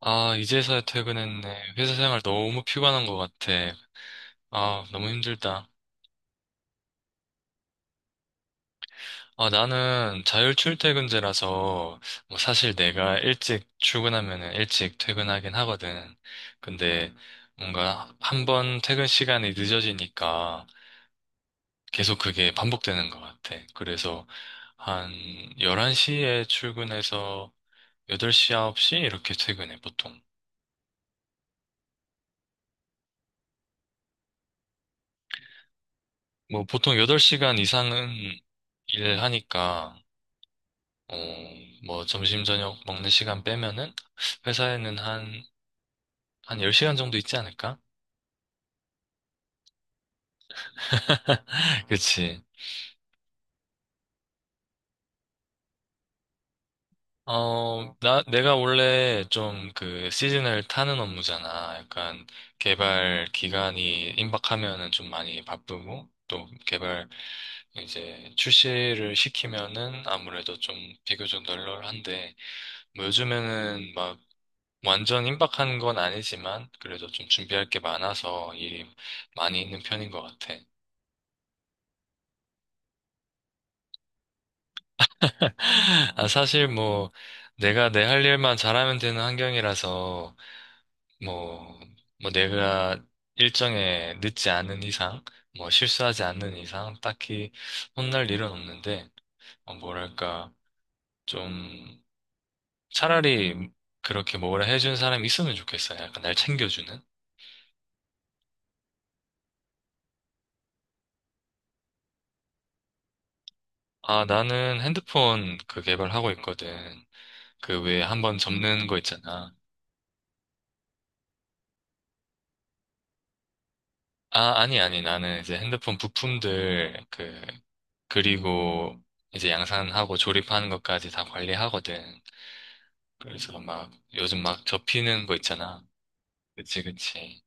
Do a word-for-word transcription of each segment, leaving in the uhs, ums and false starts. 아, 이제서야 퇴근했네. 회사 생활 너무 피곤한 것 같아. 아, 너무 힘들다. 아, 나는 자율 출퇴근제라서, 뭐 사실 내가 일찍 출근하면은 일찍 퇴근하긴 하거든. 근데 뭔가 한 번 퇴근 시간이 늦어지니까 계속 그게 반복되는 것 같아. 그래서 한 열한 시에 출근해서 여덟 시, 아홉 시 이렇게 퇴근해, 보통. 뭐 보통 여덟 시간 이상은 일하니까 어, 뭐 점심 저녁 먹는 시간 빼면은 회사에는 한, 한 열 시간 정도 있지 않을까? 그치. 어, 나, 내가 원래 좀 그 시즌을 타는 업무잖아. 약간 개발 기간이 임박하면은 좀 많이 바쁘고, 또 개발 이제 출시를 시키면은 아무래도 좀 비교적 널널한데, 뭐 요즘에는 막 완전 임박한 건 아니지만, 그래도 좀 준비할 게 많아서 일이 많이 있는 편인 것 같아. 아, 사실 뭐, 내가 내 할 일만 잘하면 되는 환경이라서, 뭐, 뭐 내가 일정에 늦지 않은 이상, 뭐 실수하지 않는 이상, 딱히 혼날 일은 없는데, 어, 뭐랄까, 좀, 차라리 그렇게 뭐라 해준 사람이 있으면 좋겠어요. 약간 날 챙겨주는. 아, 나는 핸드폰 그 개발하고 있거든. 그 왜 한번 접는 거 있잖아. 아, 아니, 아니, 나는 이제 핸드폰 부품들 그 그리고 음, 이제 양산하고 조립하는 것까지 다 관리하거든. 그래서 막 요즘 막 접히는 거 있잖아. 그치, 그치.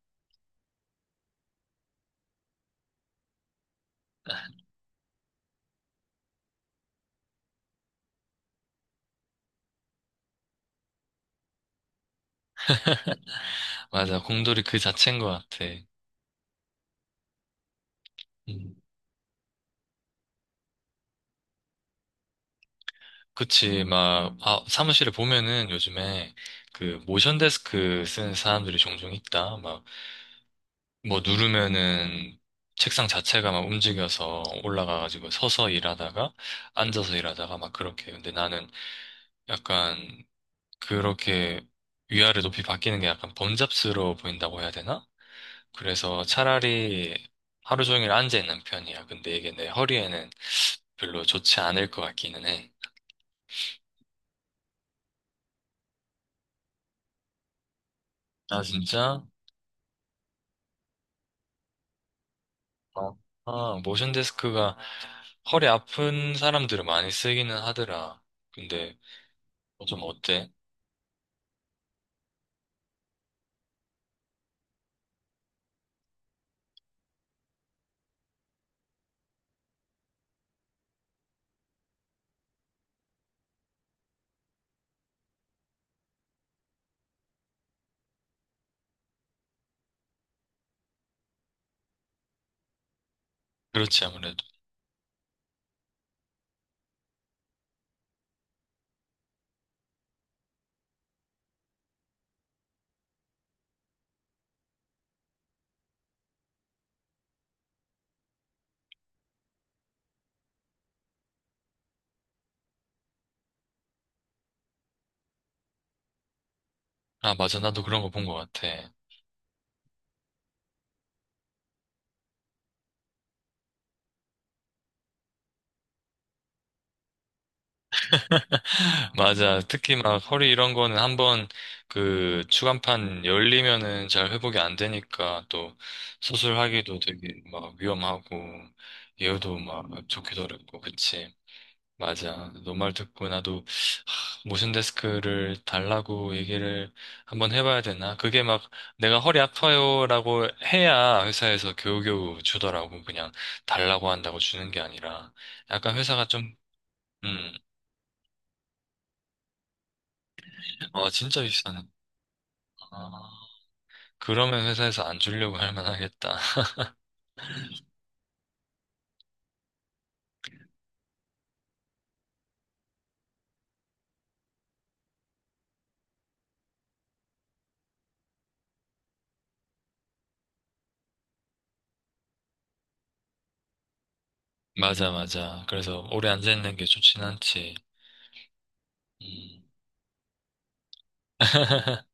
맞아. 곰돌이 그 자체인 것 같아. 음. 그치. 막, 음, 아, 사무실에 보면은 요즘에 그 모션 데스크 쓰는 사람들이 종종 있다. 막, 뭐 누르면은 책상 자체가 막 움직여서 올라가가지고 서서 일하다가 앉아서 일하다가 막 그렇게. 근데 나는 약간 그렇게 위아래 높이 바뀌는 게 약간 번잡스러워 보인다고 해야 되나? 그래서 차라리 하루 종일 앉아 있는 편이야. 근데 이게 내 허리에는 별로 좋지 않을 것 같기는 해. 아, 진짜? 어. 아, 모션 데스크가 허리 아픈 사람들은 많이 쓰기는 하더라. 근데 좀 어때? 그렇지, 아무래도. 아, 맞아. 나도 그런 거 본 것 같아. 맞아. 특히 막 허리 이런 거는 한 번 그 추간판 열리면은 잘 회복이 안 되니까 또 수술하기도 되게 막 위험하고 예후도 막 좋기도 어렵고 그치. 맞아. 너 말 듣고 나도 하, 모션 데스크를 달라고 얘기를 한번 해봐야 되나? 그게 막 내가 허리 아파요라고 해야 회사에서 겨우겨우 주더라고. 그냥 달라고 한다고 주는 게 아니라 약간 회사가 좀 음, 어, 진짜 비싸네. 아, 그러면 회사에서 안 주려고 할 만하겠다. 맞아, 맞아. 그래서 오래 앉아있는 게 좋진 않지. 음.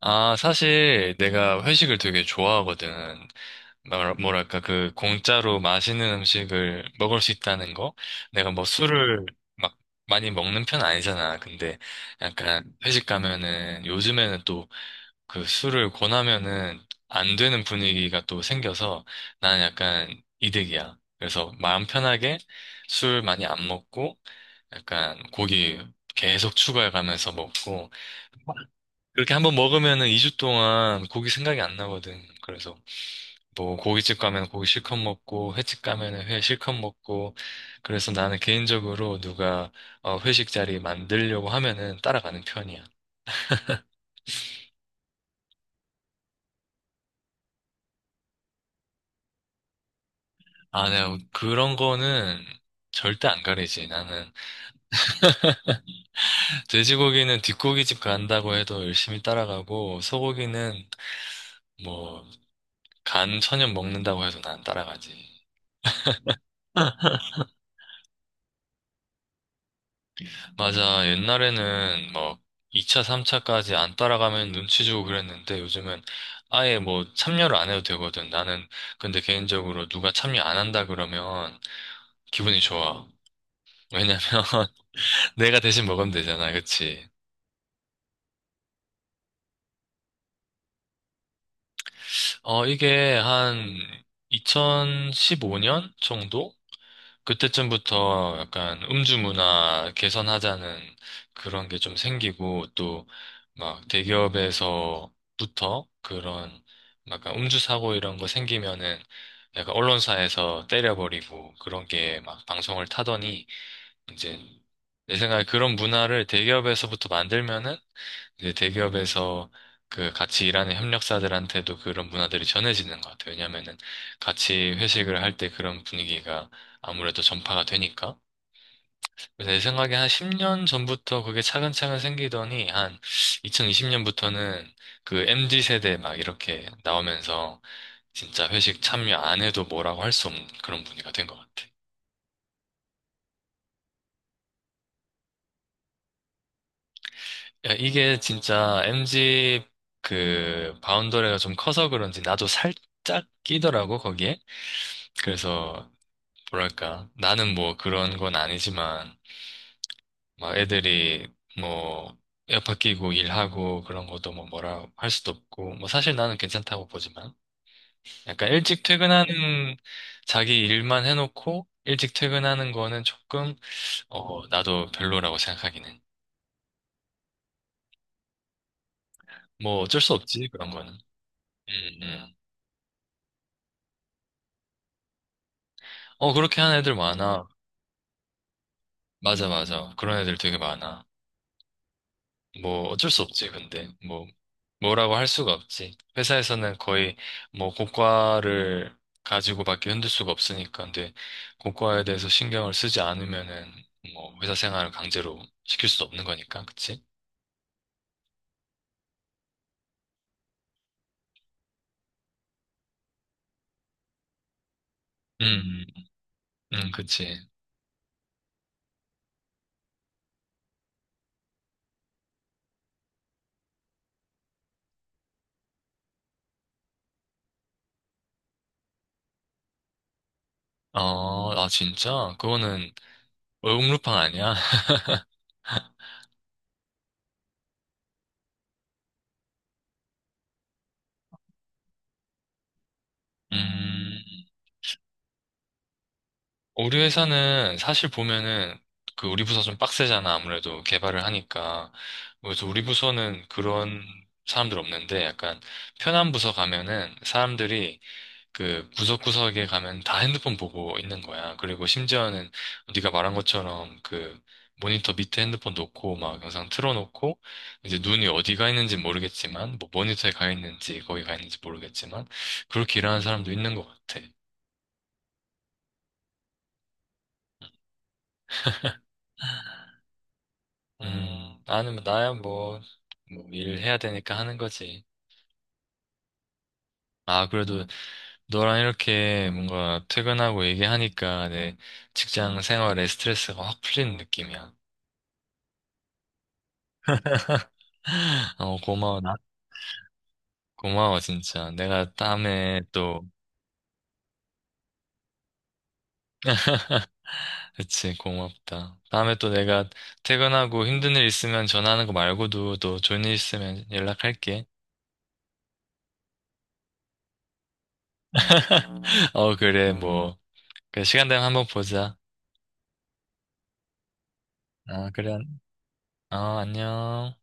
아, 사실 내가 회식을 되게 좋아하거든. 말- 뭐랄까, 그 공짜로 맛있는 음식을 먹을 수 있다는 거? 내가 뭐 술을 막 많이 먹는 편 아니잖아. 근데 약간 회식 가면은 요즘에는 또 그 술을 권하면은 안 되는 분위기가 또 생겨서 나는 약간 이득이야. 그래서 마음 편하게 술 많이 안 먹고 약간 고기 계속 추가해가면서 먹고 그렇게 한번 먹으면은 이 주 동안 고기 생각이 안 나거든. 그래서 뭐 고깃집 가면 고기 실컷 먹고 횟집 가면은 회 실컷 먹고 그래서 나는 개인적으로 누가 어, 회식 자리 만들려고 하면은 따라가는 편이야. 아, 내가 그런 거는 절대 안 가리지. 나는 돼지고기는 뒷고기집 간다고 해도 열심히 따라가고 소고기는 뭐 간 천연 먹는다고 해도 난 따라가지. 맞아. 옛날에는 뭐 이 차, 삼 차까지 안 따라가면 눈치 주고 그랬는데 요즘은 아예 뭐 참여를 안 해도 되거든. 나는 근데 개인적으로 누가 참여 안 한다 그러면 기분이 좋아. 왜냐면 내가 대신 먹으면 되잖아. 그치? 어, 이게 한 이천십오 년 정도? 그때쯤부터 약간 음주 문화 개선하자는 그런 게 좀 생기고 또 막 대기업에서부터 그런 막 약간 음주 사고 이런 거 생기면은 약간 언론사에서 때려버리고 그런 게 막 방송을 타더니 이제 내 생각에 그런 문화를 대기업에서부터 만들면은 이제 대기업에서 그 같이 일하는 협력사들한테도 그런 문화들이 전해지는 것 같아요. 왜냐면은 같이 회식을 할 때 그런 분위기가 아무래도 전파가 되니까. 그래서 제 생각에 한 십 년 전부터 그게 차근차근 생기더니 한 이천이십 년부터는 그 엠지 세대 막 이렇게 나오면서 진짜 회식 참여 안 해도 뭐라고 할 수 없는 그런 분위기가 된 것 같아요. 야, 이게 진짜 엠지 그 바운더리가 좀 커서 그런지 나도 살짝 끼더라고 거기에. 그래서 뭐랄까 나는 뭐 그런 건 아니지만 막 애들이 뭐 에어팟 끼고 일하고 그런 것도 뭐 뭐라 할 수도 없고 뭐 사실 나는 괜찮다고 보지만 약간 일찍 퇴근하는 자기 일만 해놓고 일찍 퇴근하는 거는 조금 어 나도 별로라고 생각하기는 뭐 어쩔 수 없지 그런 거는 음, 음. 어 그렇게 하는 애들 많아 맞아 맞아 그런 애들 되게 많아 뭐 어쩔 수 없지, 근데. 뭐, 뭐라고 할 수가 없지. 회사에서는 거의 뭐 고과를 가지고 밖에 흔들 수가 없으니까. 근데 고과에 대해서 신경을 쓰지 않으면은 뭐 회사 생활을 강제로 시킬 수도 없는 거니까. 그치? 음, 음, 음, 그치. 어, 아, 진짜? 그거는 얼음루팡 아니야? 음. 우리 회사는 사실 보면은 그 우리 부서 좀 빡세잖아. 아무래도 개발을 하니까. 그래서 우리 부서는 그런 사람들 없는데 약간 편한 부서 가면은 사람들이 그 구석구석에 가면 다 핸드폰 보고 있는 거야. 그리고 심지어는 네가 말한 것처럼 그 모니터 밑에 핸드폰 놓고 막 영상 틀어놓고 이제 눈이 어디 가 있는지 모르겠지만 뭐 모니터에 가 있는지 거기 가 있는지 모르겠지만 그렇게 일하는 사람도 있는 것 같아. 음, 나는, 뭐- 나야 뭐, 뭐, 일해야 되니까 하는 거지. 아, 그래도 너랑 이렇게 뭔가 퇴근하고 얘기하니까 내 직장 생활에 스트레스가 확 풀리는 느낌이야. 어, 고마워. 나- 고마워, 진짜. 내가 다음에 또, 그치, 고맙다. 다음에 또 내가 퇴근하고 힘든 일 있으면 전화하는 거 말고도 또 좋은 일 있으면 연락할게. 어, 그래, 뭐. 그래, 시간 되면 한번 보자. 아, 그래. 어, 안녕.